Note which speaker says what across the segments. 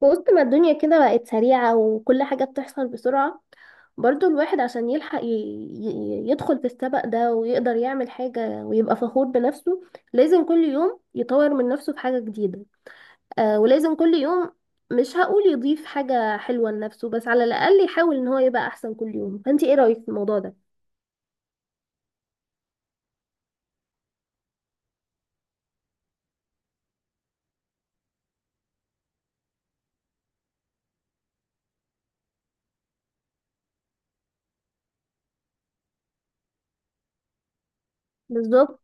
Speaker 1: في وسط ما الدنيا كده بقت سريعة، وكل حاجة بتحصل بسرعة. برضو الواحد عشان يلحق يدخل في السبق ده ويقدر يعمل حاجة ويبقى فخور بنفسه، لازم كل يوم يطور من نفسه في حاجة جديدة. ولازم كل يوم، مش هقول يضيف حاجة حلوة لنفسه، بس على الأقل يحاول إن هو يبقى أحسن كل يوم. فأنت إيه رأيك في الموضوع ده؟ بالظبط.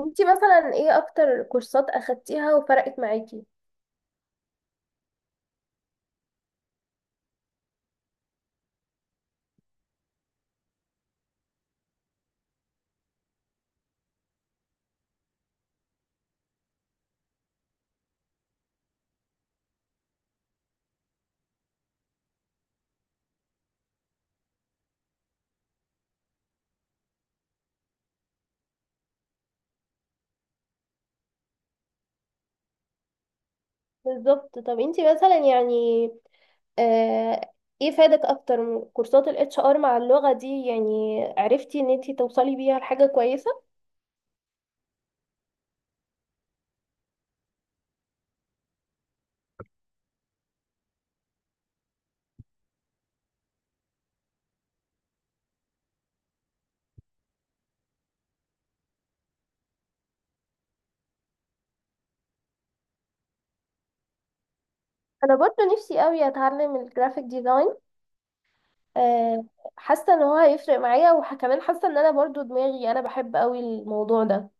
Speaker 1: انتي مثلا ايه اكتر كورسات اخدتيها وفرقت معاكي؟ بالظبط. طب انتي مثلا، يعني، آه، ايه فادك اكتر كورسات الاتش ار مع اللغة دي؟ يعني عرفتي ان انتي توصلي بيها لحاجة كويسة. انا برضو نفسي قوي اتعلم الجرافيك ديزاين. آه، حاسة ان هو هيفرق معايا، وكمان حاسة ان انا برضو دماغي انا بحب قوي الموضوع ده.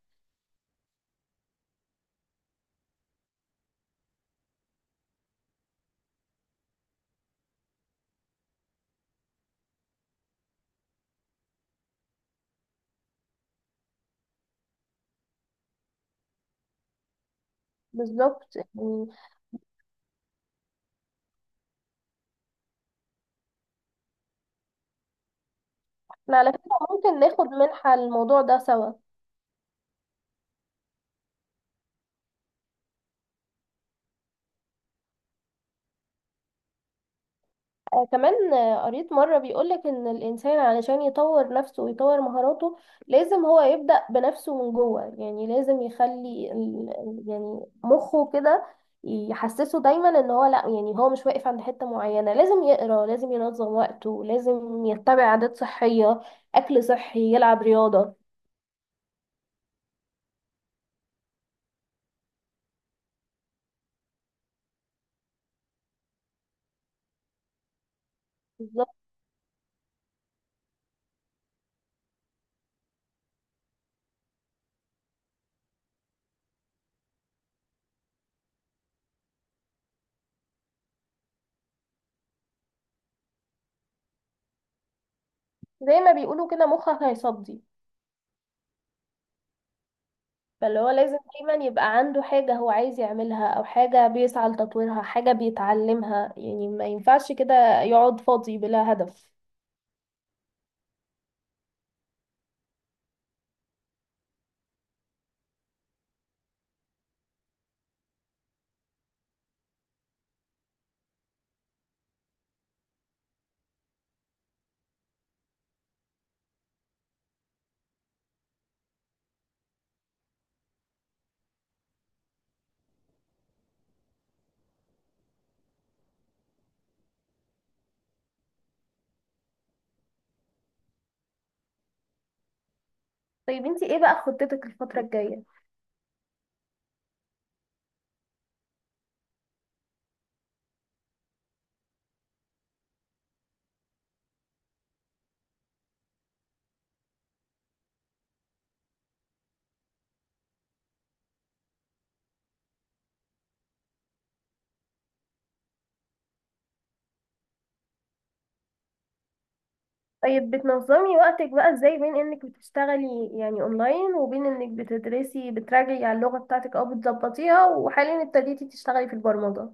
Speaker 1: بالظبط يعني. احنا على فكرة ممكن ناخد منحة الموضوع ده سوا. آه كمان، قريت مرة بيقولك إن الإنسان علشان يطور نفسه ويطور مهاراته، لازم هو يبدأ بنفسه من جوه. يعني لازم يخلي يعني مخه كده يحسسه دايما إن هو لأ، يعني هو مش واقف عند حتة معينة. لازم يقرأ، لازم ينظم وقته، لازم يتبع عادات صحية، أكل صحي، يلعب رياضة. بالظبط. زي ما بيقولوا كده، مخك هيصدي. فاللي هو لازم دايما يبقى عنده حاجة هو عايز يعملها، أو حاجة بيسعى لتطويرها، حاجة بيتعلمها. يعني ما ينفعش كده يقعد فاضي بلا هدف. طيب انتي ايه بقى خطتك الفترة الجاية؟ طيب بتنظمي وقتك بقى ازاي بين انك بتشتغلي يعني اونلاين، وبين انك بتدرسي بتراجعي على اللغة بتاعتك او بتظبطيها، وحاليا ابتديتي تشتغلي في البرمجة؟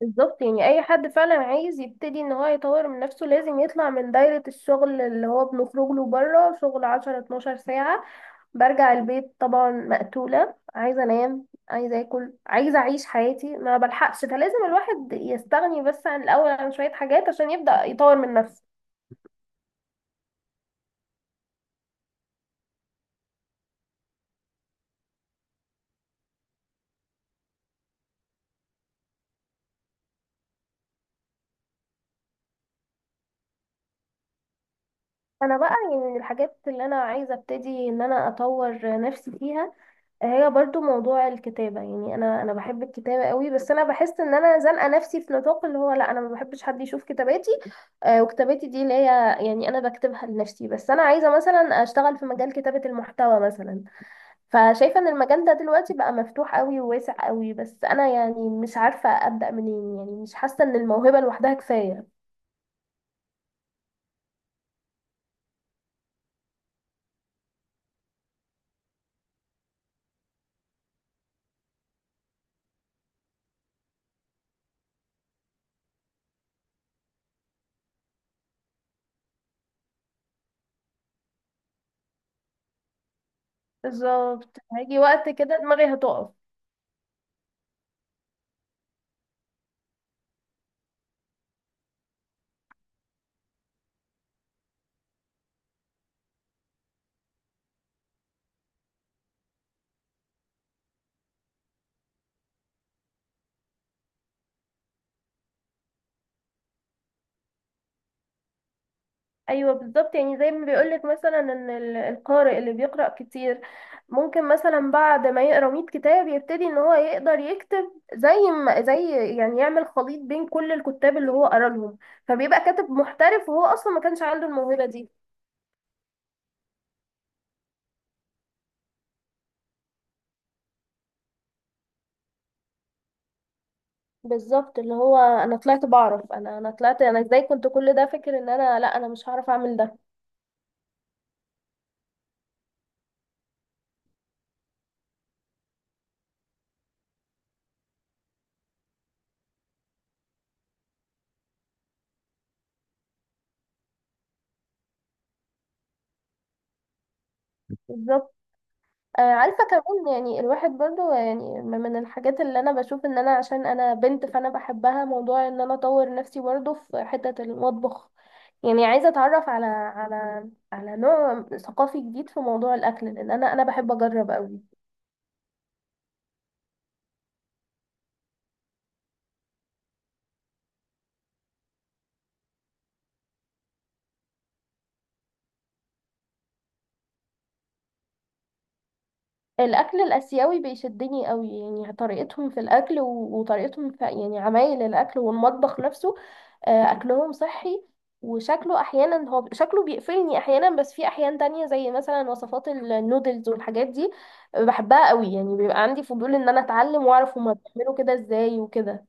Speaker 1: بالظبط. يعني اي حد فعلا عايز يبتدي ان هو يطور من نفسه، لازم يطلع من دايرة الشغل اللي هو بنخرج له بره، شغل 10 12 ساعة، برجع البيت طبعا مقتولة، عايزة انام، عايزة اكل، عايزة اعيش حياتي، ما بلحقش. فلازم الواحد يستغني بس عن الاول، عن شوية حاجات، عشان يبدأ يطور من نفسه. انا بقى، يعني، من الحاجات اللي انا عايزة ابتدي ان انا اطور نفسي فيها، هي برضو موضوع الكتابة. يعني انا بحب الكتابة قوي، بس انا بحس ان انا زنقة نفسي في نطاق اللي هو لا انا ما بحبش حد يشوف كتاباتي. وكتاباتي دي اللي هي، يعني، انا بكتبها لنفسي. بس انا عايزة مثلا اشتغل في مجال كتابة المحتوى مثلا. فشايفة ان المجال ده دلوقتي بقى مفتوح قوي وواسع قوي، بس انا يعني مش عارفة ابدأ منين. يعني مش حاسة ان الموهبة لوحدها كفاية. بالظبط، هيجي وقت كده دماغي هتقف. ايوه بالظبط. يعني زي ما بيقولك مثلا ان القارئ اللي بيقرأ كتير، ممكن مثلا بعد ما يقرأ 100 كتاب، يبتدي ان هو يقدر يكتب زي ما زي يعني يعمل خليط بين كل الكتاب اللي هو قرأ لهم، فبيبقى كاتب محترف وهو اصلا ما كانش عنده الموهبة دي. بالظبط. اللي هو انا طلعت بعرف، انا طلعت انا ازاي كنت كل ده فاكر ان انا لا انا مش هعرف اعمل ده. بالظبط. عارفه كمان، يعني الواحد برضو، يعني، من الحاجات اللي انا بشوف ان انا عشان انا بنت فانا بحبها، موضوع ان انا اطور نفسي برضو في حته المطبخ. يعني عايزه اتعرف على نوع ثقافي جديد في موضوع الاكل، لان انا بحب اجرب قوي. الاكل الاسيوي بيشدني قوي. يعني طريقتهم في الاكل وطريقتهم في، يعني، عمايل الاكل والمطبخ نفسه. اكلهم صحي، وشكله احيانا، هو شكله بيقفلني احيانا، بس في احيان تانية زي مثلا وصفات النودلز والحاجات دي بحبها قوي. يعني بيبقى عندي فضول ان انا اتعلم واعرف هما بيعملوا كده ازاي وكده.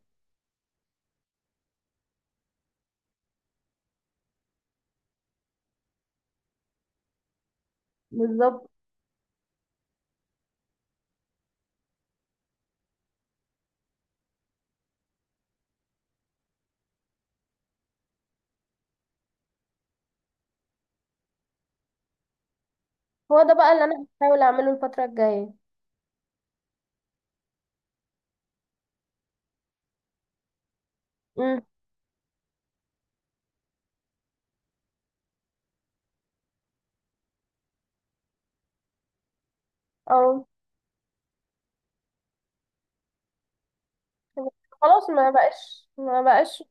Speaker 1: بالظبط. هو ده بقى اللي انا هحاول اعمله الفترة الجاية. امم. اه، خلاص ما بقاش، ما بقاش.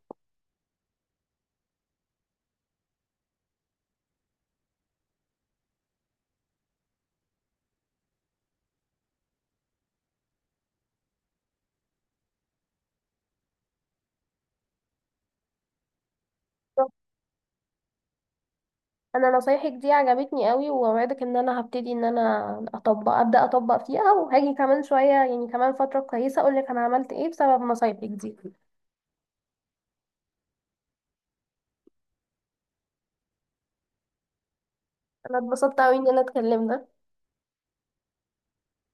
Speaker 1: انا نصايحك دي عجبتني قوي، واوعدك ان انا هبتدي ان انا اطبق، ابدا اطبق فيها، وهاجي كمان شويه، يعني كمان فتره كويسه، اقول لك انا عملت ايه بسبب نصايحك دي. انا اتبسطت قوي ان انا اتكلمنا.